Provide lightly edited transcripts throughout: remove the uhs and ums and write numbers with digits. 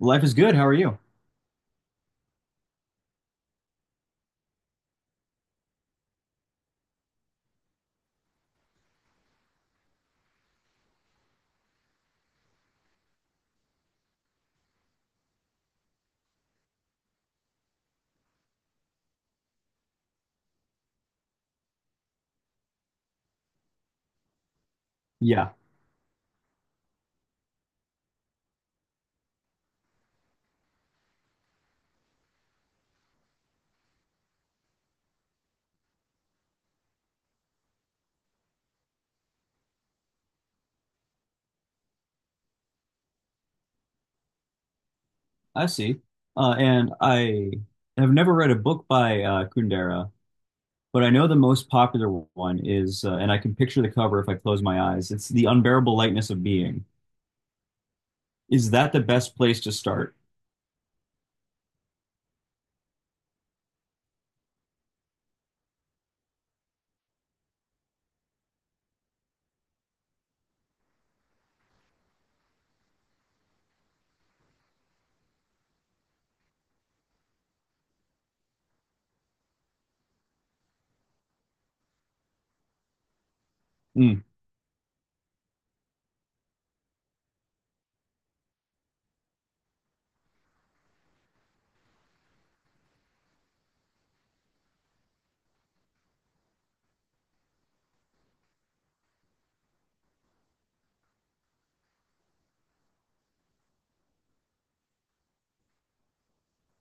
Life is good. How are you? Yeah, I see. And I have never read a book by Kundera, but I know the most popular one is, and I can picture the cover if I close my eyes. It's The Unbearable Lightness of Being. Is that the best place to start? Mm.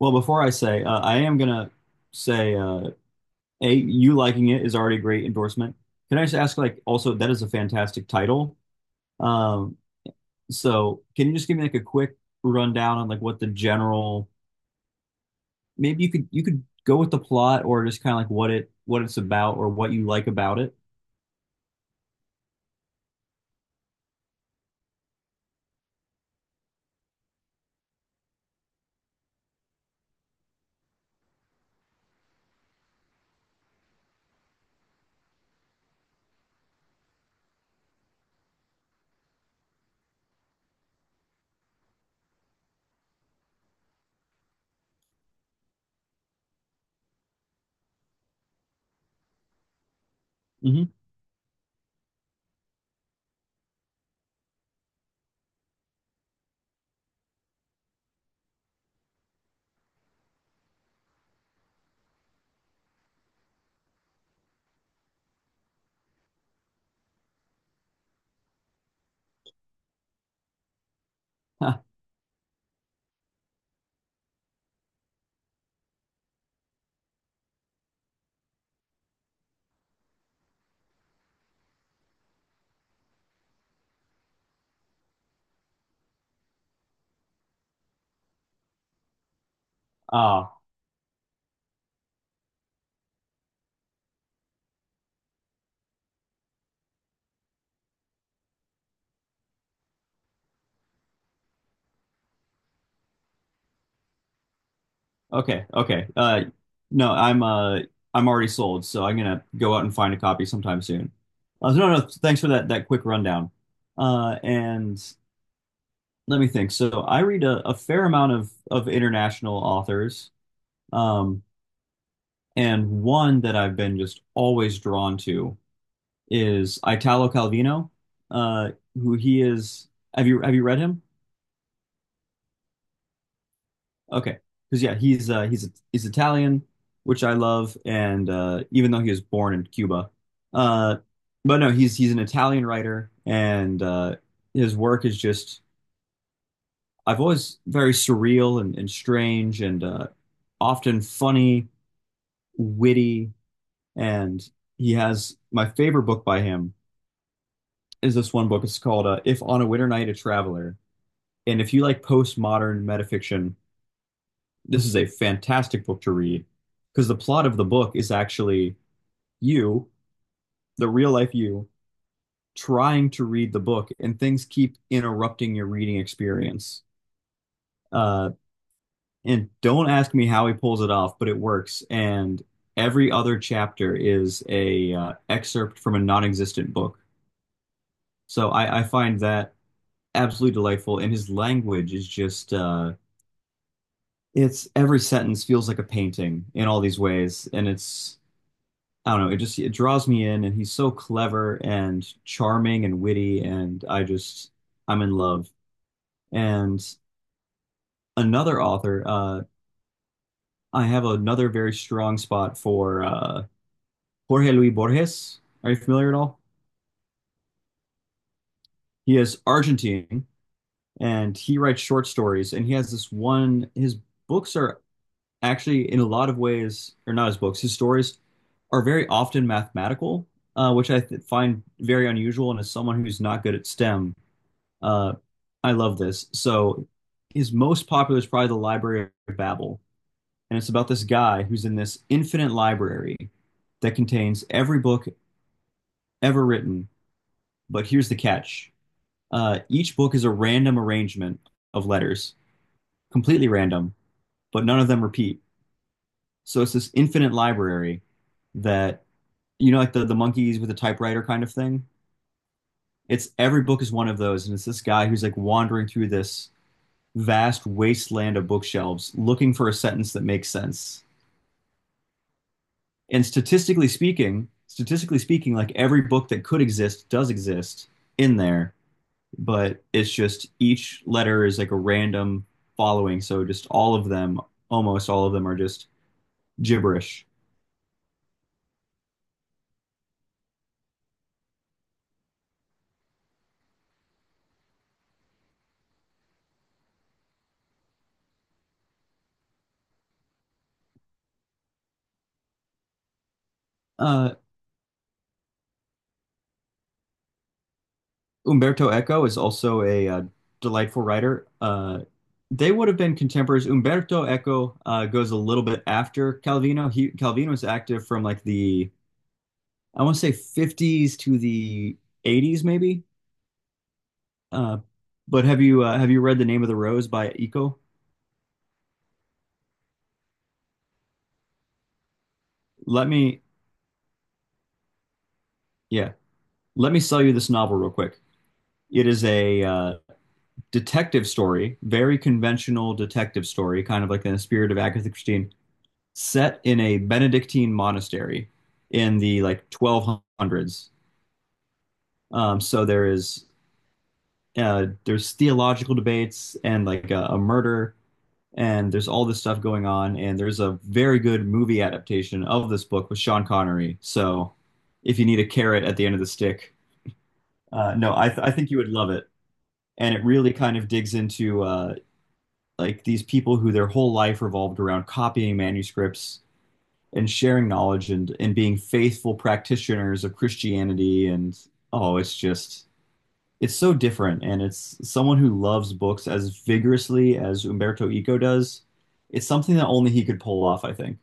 Well, before I say, I am gonna say, A, you liking it is already a great endorsement. Can I just ask, like, also, that is a fantastic title. Um, so can you just give me like a quick rundown on like what the general maybe you could go with the plot or just kind of like what it's about or what you like about it. Mhm. Ah, okay, okay. No, I'm already sold, so I'm gonna go out and find a copy sometime soon. No, no, thanks for that quick rundown. And let me think. So I read a fair amount of international authors, um, and one that I've been just always drawn to is Italo Calvino, uh, who he is. Have you read him? Okay, because yeah, he's he's Italian, which I love, and even though he was born in Cuba, uh, but no, he's an Italian writer, and his work is just I've always very surreal and strange and often funny, witty, and he has my favorite book by him is this one book. It's called "If on a Winter Night a Traveler." And if you like postmodern metafiction, this is a fantastic book to read because the plot of the book is actually you, the real life you, trying to read the book, and things keep interrupting your reading experience. Uh, and don't ask me how he pulls it off, but it works. And every other chapter is a excerpt from a non-existent book. So I find that absolutely delightful, and his language is just it's every sentence feels like a painting in all these ways and it's I don't know, it just it draws me in and he's so clever and charming and witty and I just I'm in love. And another author, I have another very strong spot for Jorge Luis Borges. Are you familiar at all? He is Argentine and he writes short stories and he has this one his books are actually, in a lot of ways, or not his books, his stories are very often mathematical, which I th find very unusual. And as someone who's not good at STEM, uh, I love this. So his most popular is probably The Library of Babel. And it's about this guy who's in this infinite library that contains every book ever written. But here's the catch. Each book is a random arrangement of letters, completely random, but none of them repeat. So it's this infinite library that you know, like the monkeys with the typewriter kind of thing. It's every book is one of those, and it's this guy who's like wandering through this vast wasteland of bookshelves looking for a sentence that makes sense. And statistically speaking, like every book that could exist does exist in there, but it's just each letter is like a random following. So just all of them, almost all of them, are just gibberish. Uh, Umberto Eco is also a delightful writer. They would have been contemporaries. Umberto Eco goes a little bit after Calvino. He Calvino was active from like the I want to say 50s to the 80s maybe. Uh, but have you read The Name of the Rose by Eco? Let me yeah, let me sell you this novel real quick. It is a detective story, very conventional detective story, kind of like in the spirit of Agatha Christie, set in a Benedictine monastery in the like 1200s. So there is there's theological debates and like a murder, and there's all this stuff going on, and there's a very good movie adaptation of this book with Sean Connery. So if you need a carrot at the end of the stick, no, I, th- I think you would love it. And it really kind of digs into like these people who their whole life revolved around copying manuscripts and sharing knowledge and being faithful practitioners of Christianity, and oh it's just it's so different, and it's someone who loves books as vigorously as Umberto Eco does. It's something that only he could pull off, I think.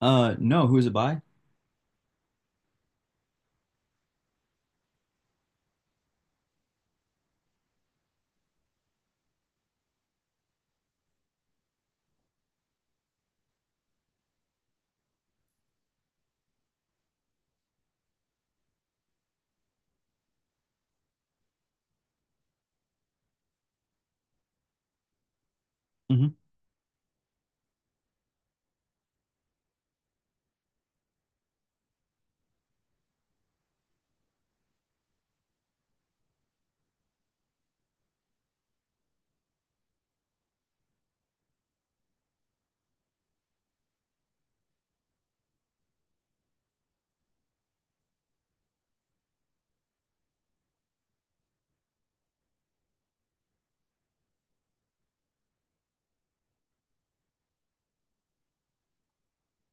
No, who is it by? Hmm.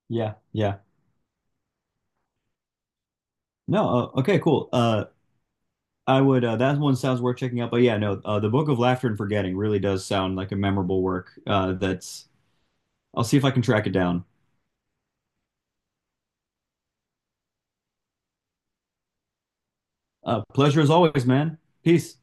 Yeah, yeah. No, okay, cool. I would that one sounds worth checking out, but yeah, no, The Book of Laughter and Forgetting really does sound like a memorable work. That's I'll see if I can track it down. Uh, pleasure as always, man. Peace.